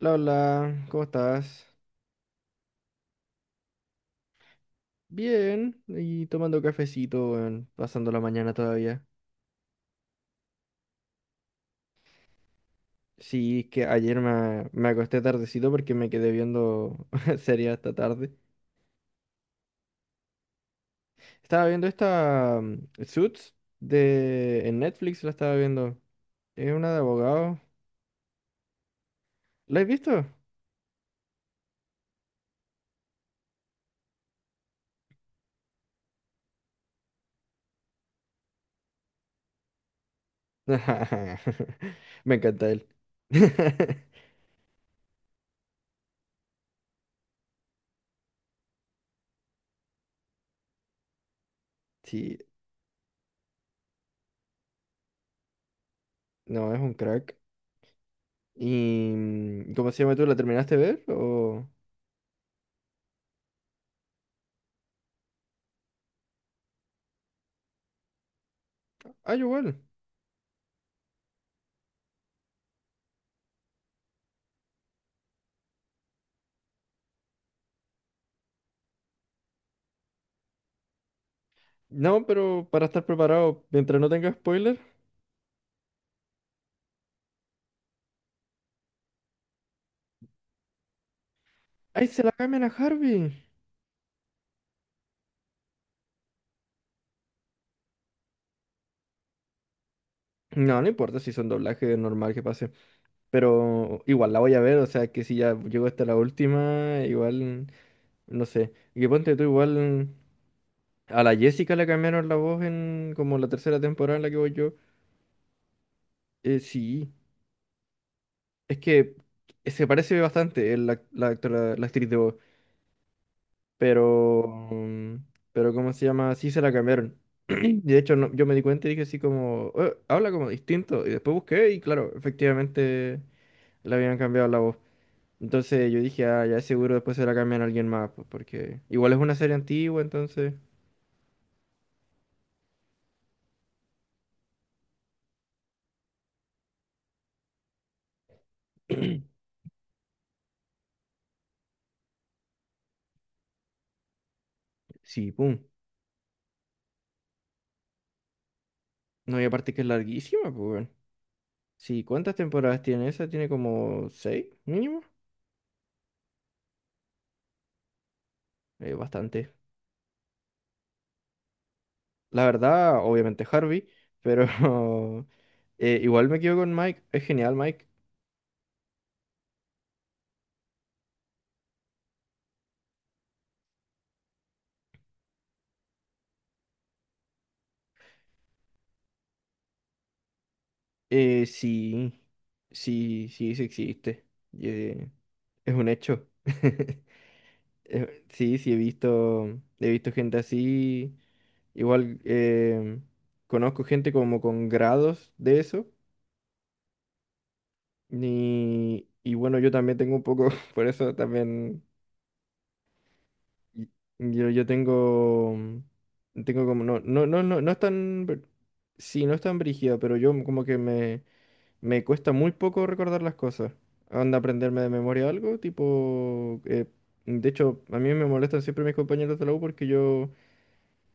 Hola, hola, ¿cómo estás? Bien, y tomando cafecito, weón, pasando la mañana todavía. Sí, es que ayer me acosté tardecito porque me quedé viendo serie hasta tarde. Estaba viendo Suits de en Netflix, la estaba viendo. Es una de abogados. ¿La has visto? Me encanta él. Sí, no, es un crack. ¿Y cómo se llama tú? ¿La terminaste de ver? ¿O... Ah, yo igual. No, pero para estar preparado, mientras no tenga spoiler. ¡Ay, se la cambian a Harvey! No, no importa si son doblajes normal que pase. Pero igual la voy a ver, o sea que si ya llegó hasta la última, igual, no sé. Y que ponte tú igual. A la Jessica le cambiaron la voz en como la tercera temporada en la que voy yo. Sí. Es que se parece bastante el la, la actriz de voz. Pero, pero ¿cómo se llama? Sí se la cambiaron. Y de hecho, yo me di cuenta y dije así como, habla como distinto." Y después busqué y claro, efectivamente le habían cambiado la voz. Entonces yo dije, ah, ya seguro después se la cambian a alguien más, pues, porque igual es una serie antigua, entonces... Sí, pum. No, y aparte que es larguísima, pues, weón. Sí, ¿cuántas temporadas tiene esa? Tiene como seis, mínimo. Bastante. La verdad, obviamente Harvey, pero igual me quedo con Mike. Es genial, Mike. Sí, sí, sí, sí existe. y, eh, es un hecho. Sí, sí, he visto gente así. Igual conozco gente como con grados de eso. Y bueno, yo también tengo un poco, por eso también y- yo tengo, tengo como, no, no, no, no, no es tan, sí, no es tan brígido, pero yo como que me cuesta muy poco recordar las cosas. Anda aprenderme de memoria algo, tipo... de hecho, a mí me molestan siempre mis compañeros de la U porque yo,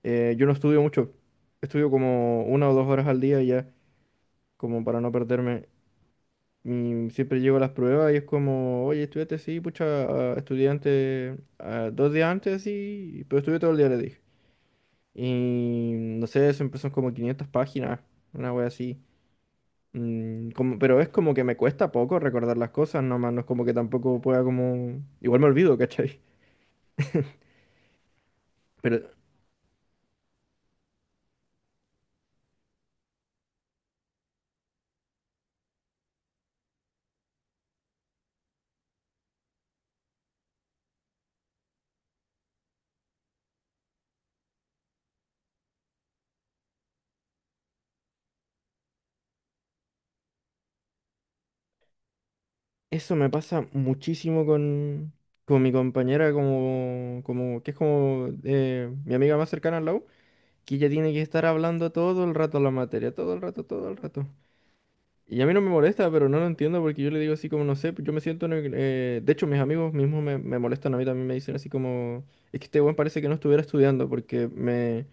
yo no estudio mucho. Estudio como una o dos horas al día ya, como para no perderme. Y siempre llego a las pruebas y es como, oye, estudiante, sí, pucha, estudiante, dos días antes, sí, pero estudié todo el día, le dije. Y no sé, eso empezó como 500 páginas, una wea así. Pero es como que me cuesta poco recordar las cosas, nomás no es como que tampoco pueda como... Igual me olvido, ¿cachai? Pero eso me pasa muchísimo con mi compañera, como que es como mi amiga más cercana al lado, que ella tiene que estar hablando todo el rato la materia, todo el rato, todo el rato. Y a mí no me molesta, pero no lo entiendo porque yo le digo así como, no sé, yo me siento... en de hecho, mis amigos mismos me molestan a mí también, me dicen así como, es que este buen parece que no estuviera estudiando porque me...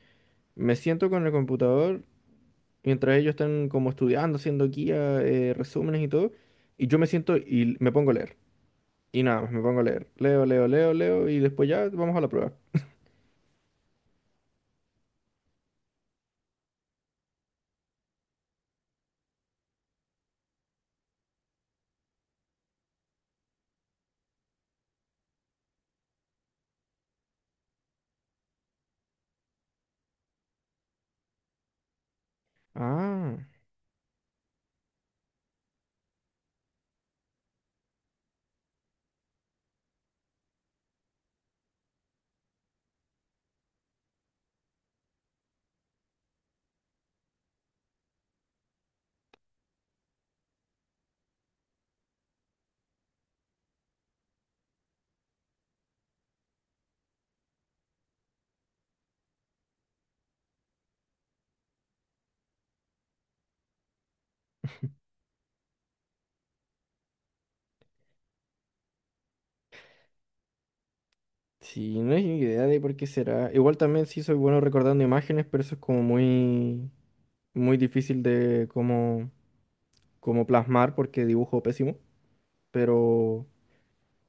Me siento con el computador mientras ellos están como estudiando, haciendo guía, resúmenes y todo. Y yo me siento y me pongo a leer. Y nada más, me pongo a leer. Leo, leo, leo, leo y después ya vamos a la prueba. Ah, sí, no es idea de por qué será. Igual también sí soy bueno recordando imágenes, pero eso es como muy difícil de como plasmar porque dibujo pésimo. Pero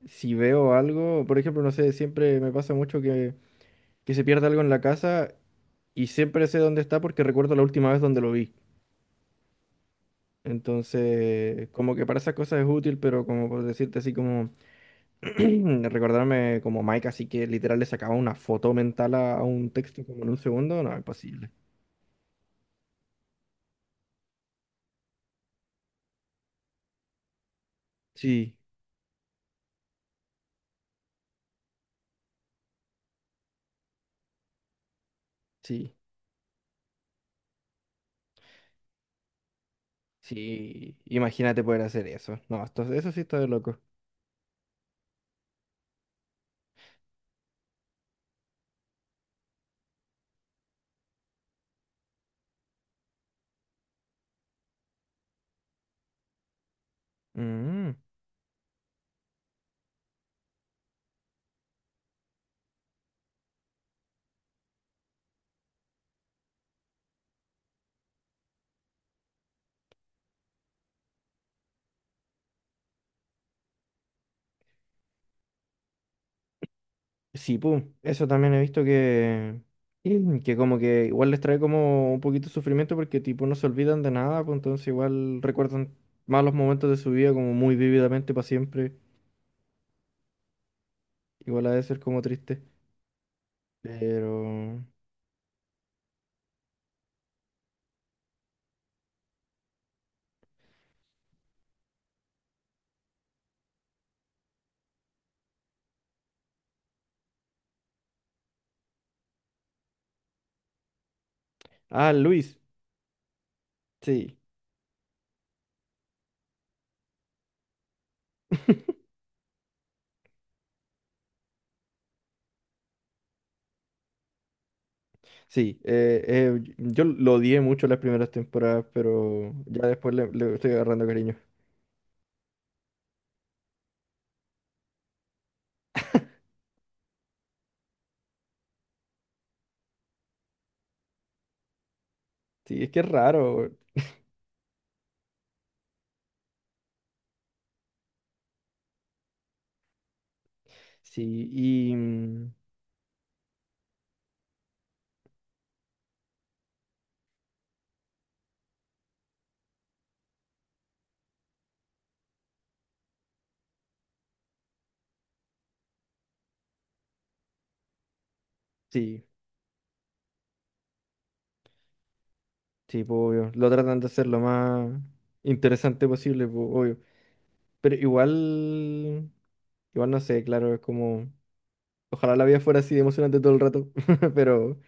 si veo algo, por ejemplo, no sé, siempre me pasa mucho que se pierde algo en la casa y siempre sé dónde está porque recuerdo la última vez donde lo vi. Entonces, como que para esas cosas es útil, pero como por decirte así como recordarme como Mike, así que literal le sacaba una foto mental a un texto como en un segundo, no es posible. Sí, sí, sí. Imagínate poder hacer eso. No, esto, eso sí está de loco. Mm. Sí, pum, eso también he visto que, y que como que igual les trae como un poquito de sufrimiento porque tipo no se olvidan de nada, pues entonces igual recuerdan malos momentos de su vida como muy vívidamente para siempre. Igual ha de ser como triste. Pero... Ah, Luis, sí, sí. Yo lo odié mucho las primeras temporadas, pero ya después le estoy agarrando cariño. Sí, es que es raro. Sí, sí. Sí, pues, obvio. Lo tratan de hacer lo más interesante posible, pues, obvio. Pero igual, igual no sé, claro, es como, ojalá la vida fuera así de emocionante todo el rato, pero,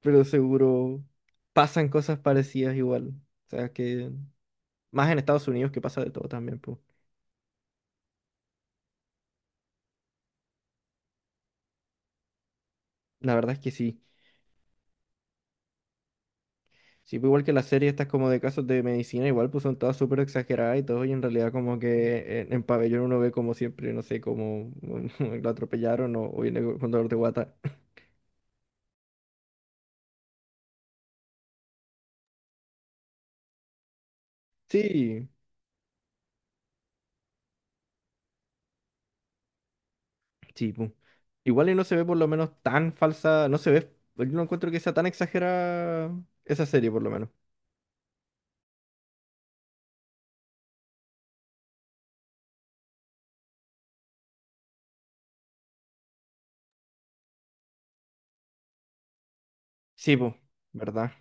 pero seguro pasan cosas parecidas igual. O sea, que más en Estados Unidos que pasa de todo también, pues. La verdad es que sí. Sí, pues igual que las series estas como de casos de medicina, igual pues son todas súper exageradas y todo, y en realidad como que en pabellón uno ve como siempre, no sé, como lo atropellaron o viene con dolor de guata. Sí, sí, pu. Igual y no se ve por lo menos tan falsa, no se ve, yo no encuentro que sea tan exagerada esa serie por lo menos. Sí, pues, ¿verdad?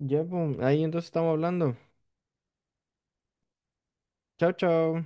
Ya, pues, ahí entonces estamos hablando. Chao, chao.